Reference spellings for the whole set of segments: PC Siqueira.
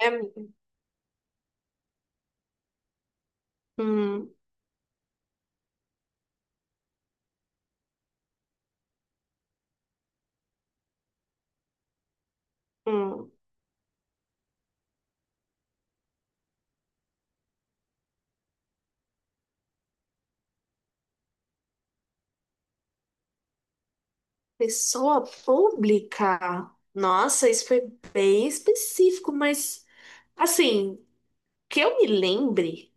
É. hum, hum, Pessoa pública. Nossa, isso foi bem específico, mas assim, que eu me lembre,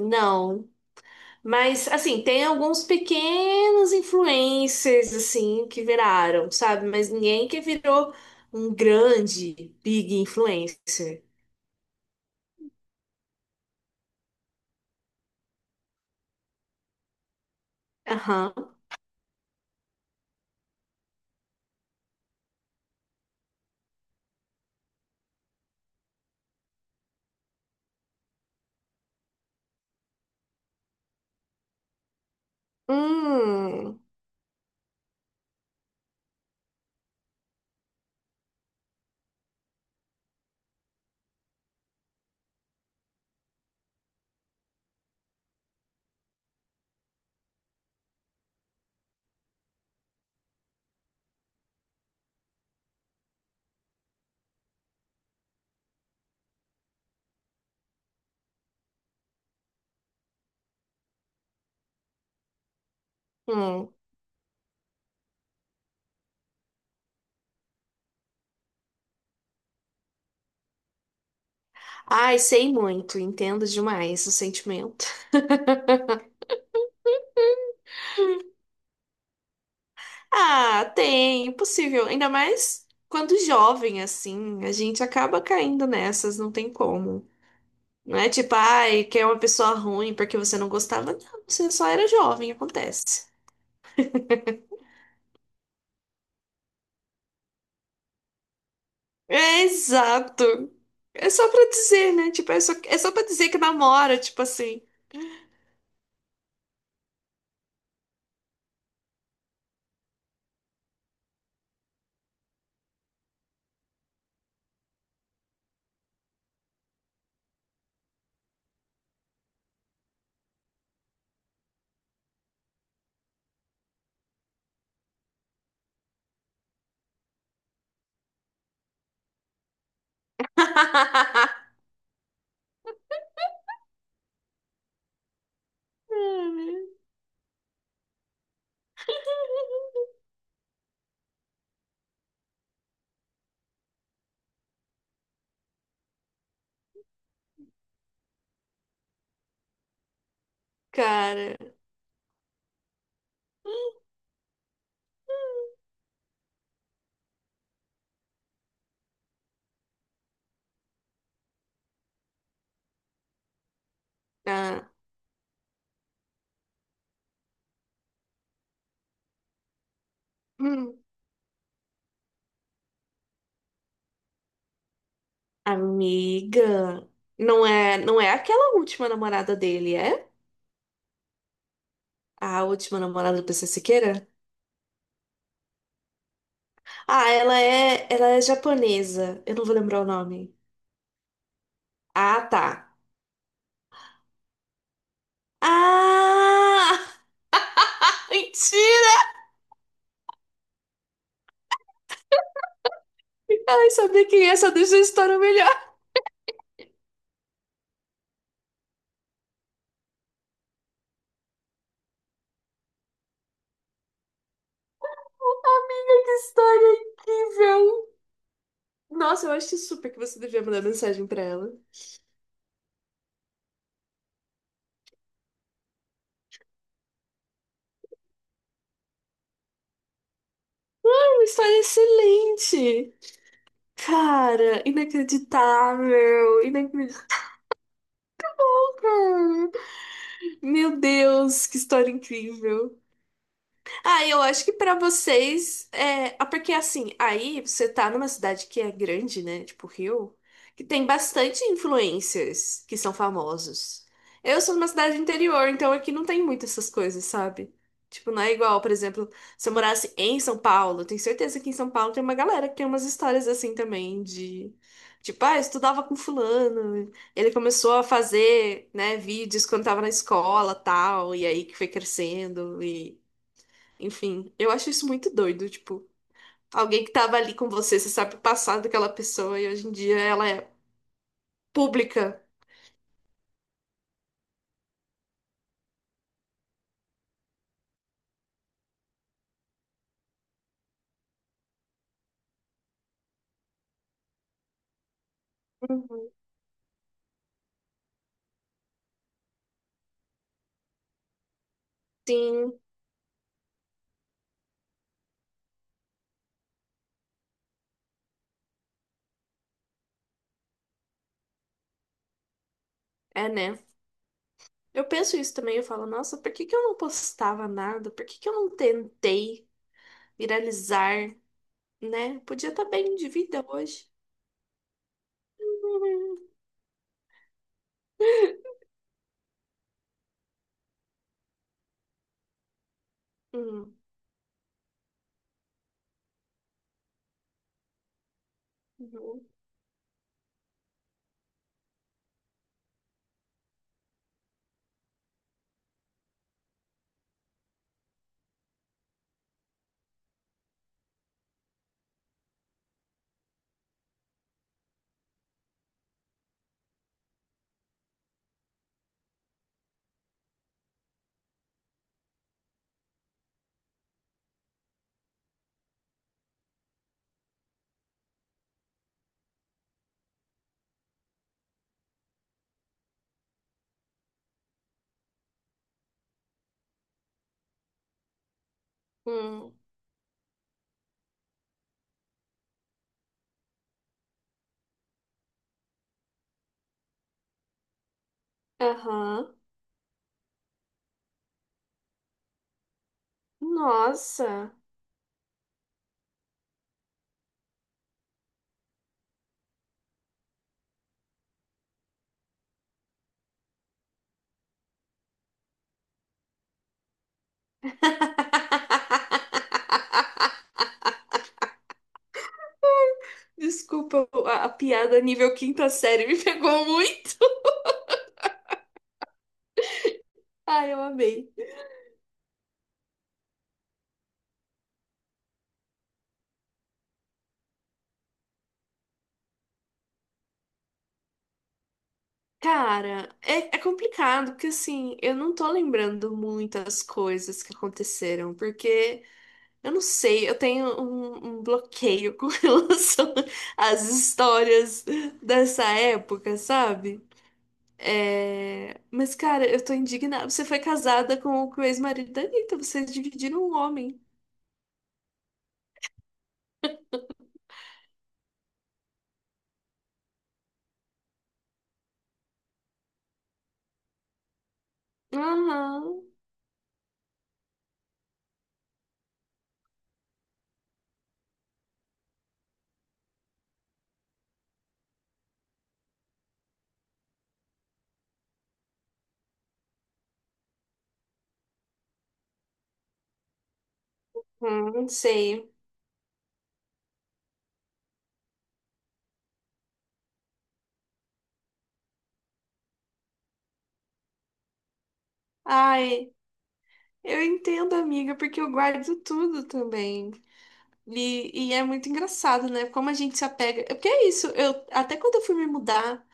não. Mas assim, tem alguns pequenos influencers assim que viraram, sabe? Mas ninguém que virou um grande big influencer. Aham. Hum, hum. Ai, sei muito, entendo demais o sentimento. Ah, tem, impossível. Ainda mais quando jovem, assim, a gente acaba caindo nessas, não tem como. Não é tipo, ai, que é uma pessoa ruim porque você não gostava. Não, você só era jovem, acontece. É exato. É só pra dizer, né? Tipo, é só pra dizer que namora, tipo assim. Ah, né? Cara. Ah, hum. Amiga. Não é aquela última namorada dele, é? A última namorada do PC Siqueira? Ah, ela é japonesa. Eu não vou lembrar o nome. Ah, tá. Ah! Mentira! Ai, saber quem é só deixa a história melhor. Amiga, que história incrível! Nossa, eu acho super que você devia mandar mensagem pra ela. Ai, uma história excelente! Cara, inacreditável! Inacreditável! Meu Deus, que história incrível! Ah, eu acho que pra vocês é, ah, porque assim, aí você tá numa cidade que é grande, né? Tipo Rio, que tem bastante influencers que são famosos. Eu sou numa cidade interior, então aqui não tem muito essas coisas, sabe? Tipo, não é igual, por exemplo, se eu morasse em São Paulo, tenho certeza que em São Paulo tem uma galera que tem umas histórias assim também de tipo, ah, eu estudava com fulano, ele começou a fazer, né, vídeos quando tava na escola, tal, e aí que foi crescendo e enfim, eu acho isso muito doido, tipo, alguém que tava ali com você, você sabe o passado daquela pessoa e hoje em dia ela é pública. Uhum. Sim, é, né? Eu penso isso também, eu falo, nossa, por que que eu não postava nada? Por que que eu não tentei viralizar, né? Podia estar bem de vida hoje. Uhum. Uhum. Hum. Aham. Nossa. Desculpa, a piada nível quinta série me pegou muito. Ai, eu amei. Cara, é complicado, porque assim, eu não tô lembrando muitas coisas que aconteceram, porque eu não sei, eu tenho um bloqueio com relação às histórias dessa época, sabe? É. Mas, cara, eu tô indignada. Você foi casada com o ex-marido da Anitta, vocês dividiram um homem. Aham. Não sei. Ai. Eu entendo, amiga, porque eu guardo tudo também. E é muito engraçado, né? Como a gente se apega. Porque é isso, eu até quando eu fui me mudar,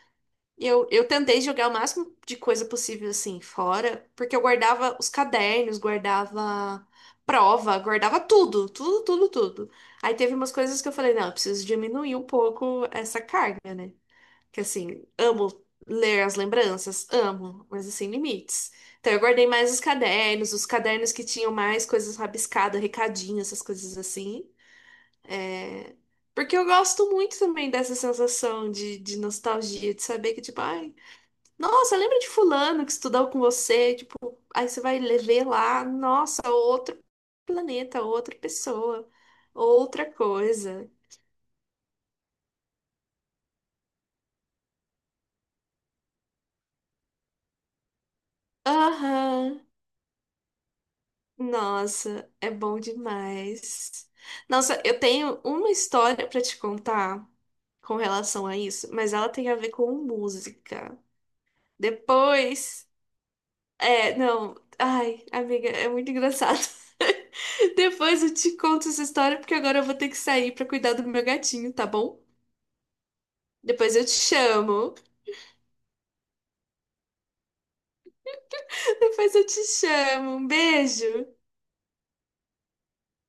eu tentei jogar o máximo de coisa possível assim fora, porque eu guardava os cadernos, guardava prova, guardava tudo, tudo, tudo, tudo. Aí teve umas coisas que eu falei, não, eu preciso diminuir um pouco essa carga. Que assim, amo ler as lembranças, amo, mas assim, limites. Então eu guardei mais os cadernos que tinham mais coisas rabiscadas, recadinho, essas coisas assim. É. Porque eu gosto muito também dessa sensação de nostalgia, de saber que, tipo, ai, nossa, lembra de fulano que estudou com você? Tipo, aí você vai le- ver lá, nossa, outro planeta, outra pessoa, outra coisa. Aham. Nossa, é bom demais. Nossa, eu tenho uma história pra te contar com relação a isso, mas ela tem a ver com música. Depois, é, não, ai, amiga, é muito engraçado. Depois eu te conto essa história porque agora eu vou ter que sair pra cuidar do meu gatinho, tá bom? Depois eu te chamo. Depois eu te chamo. Um beijo.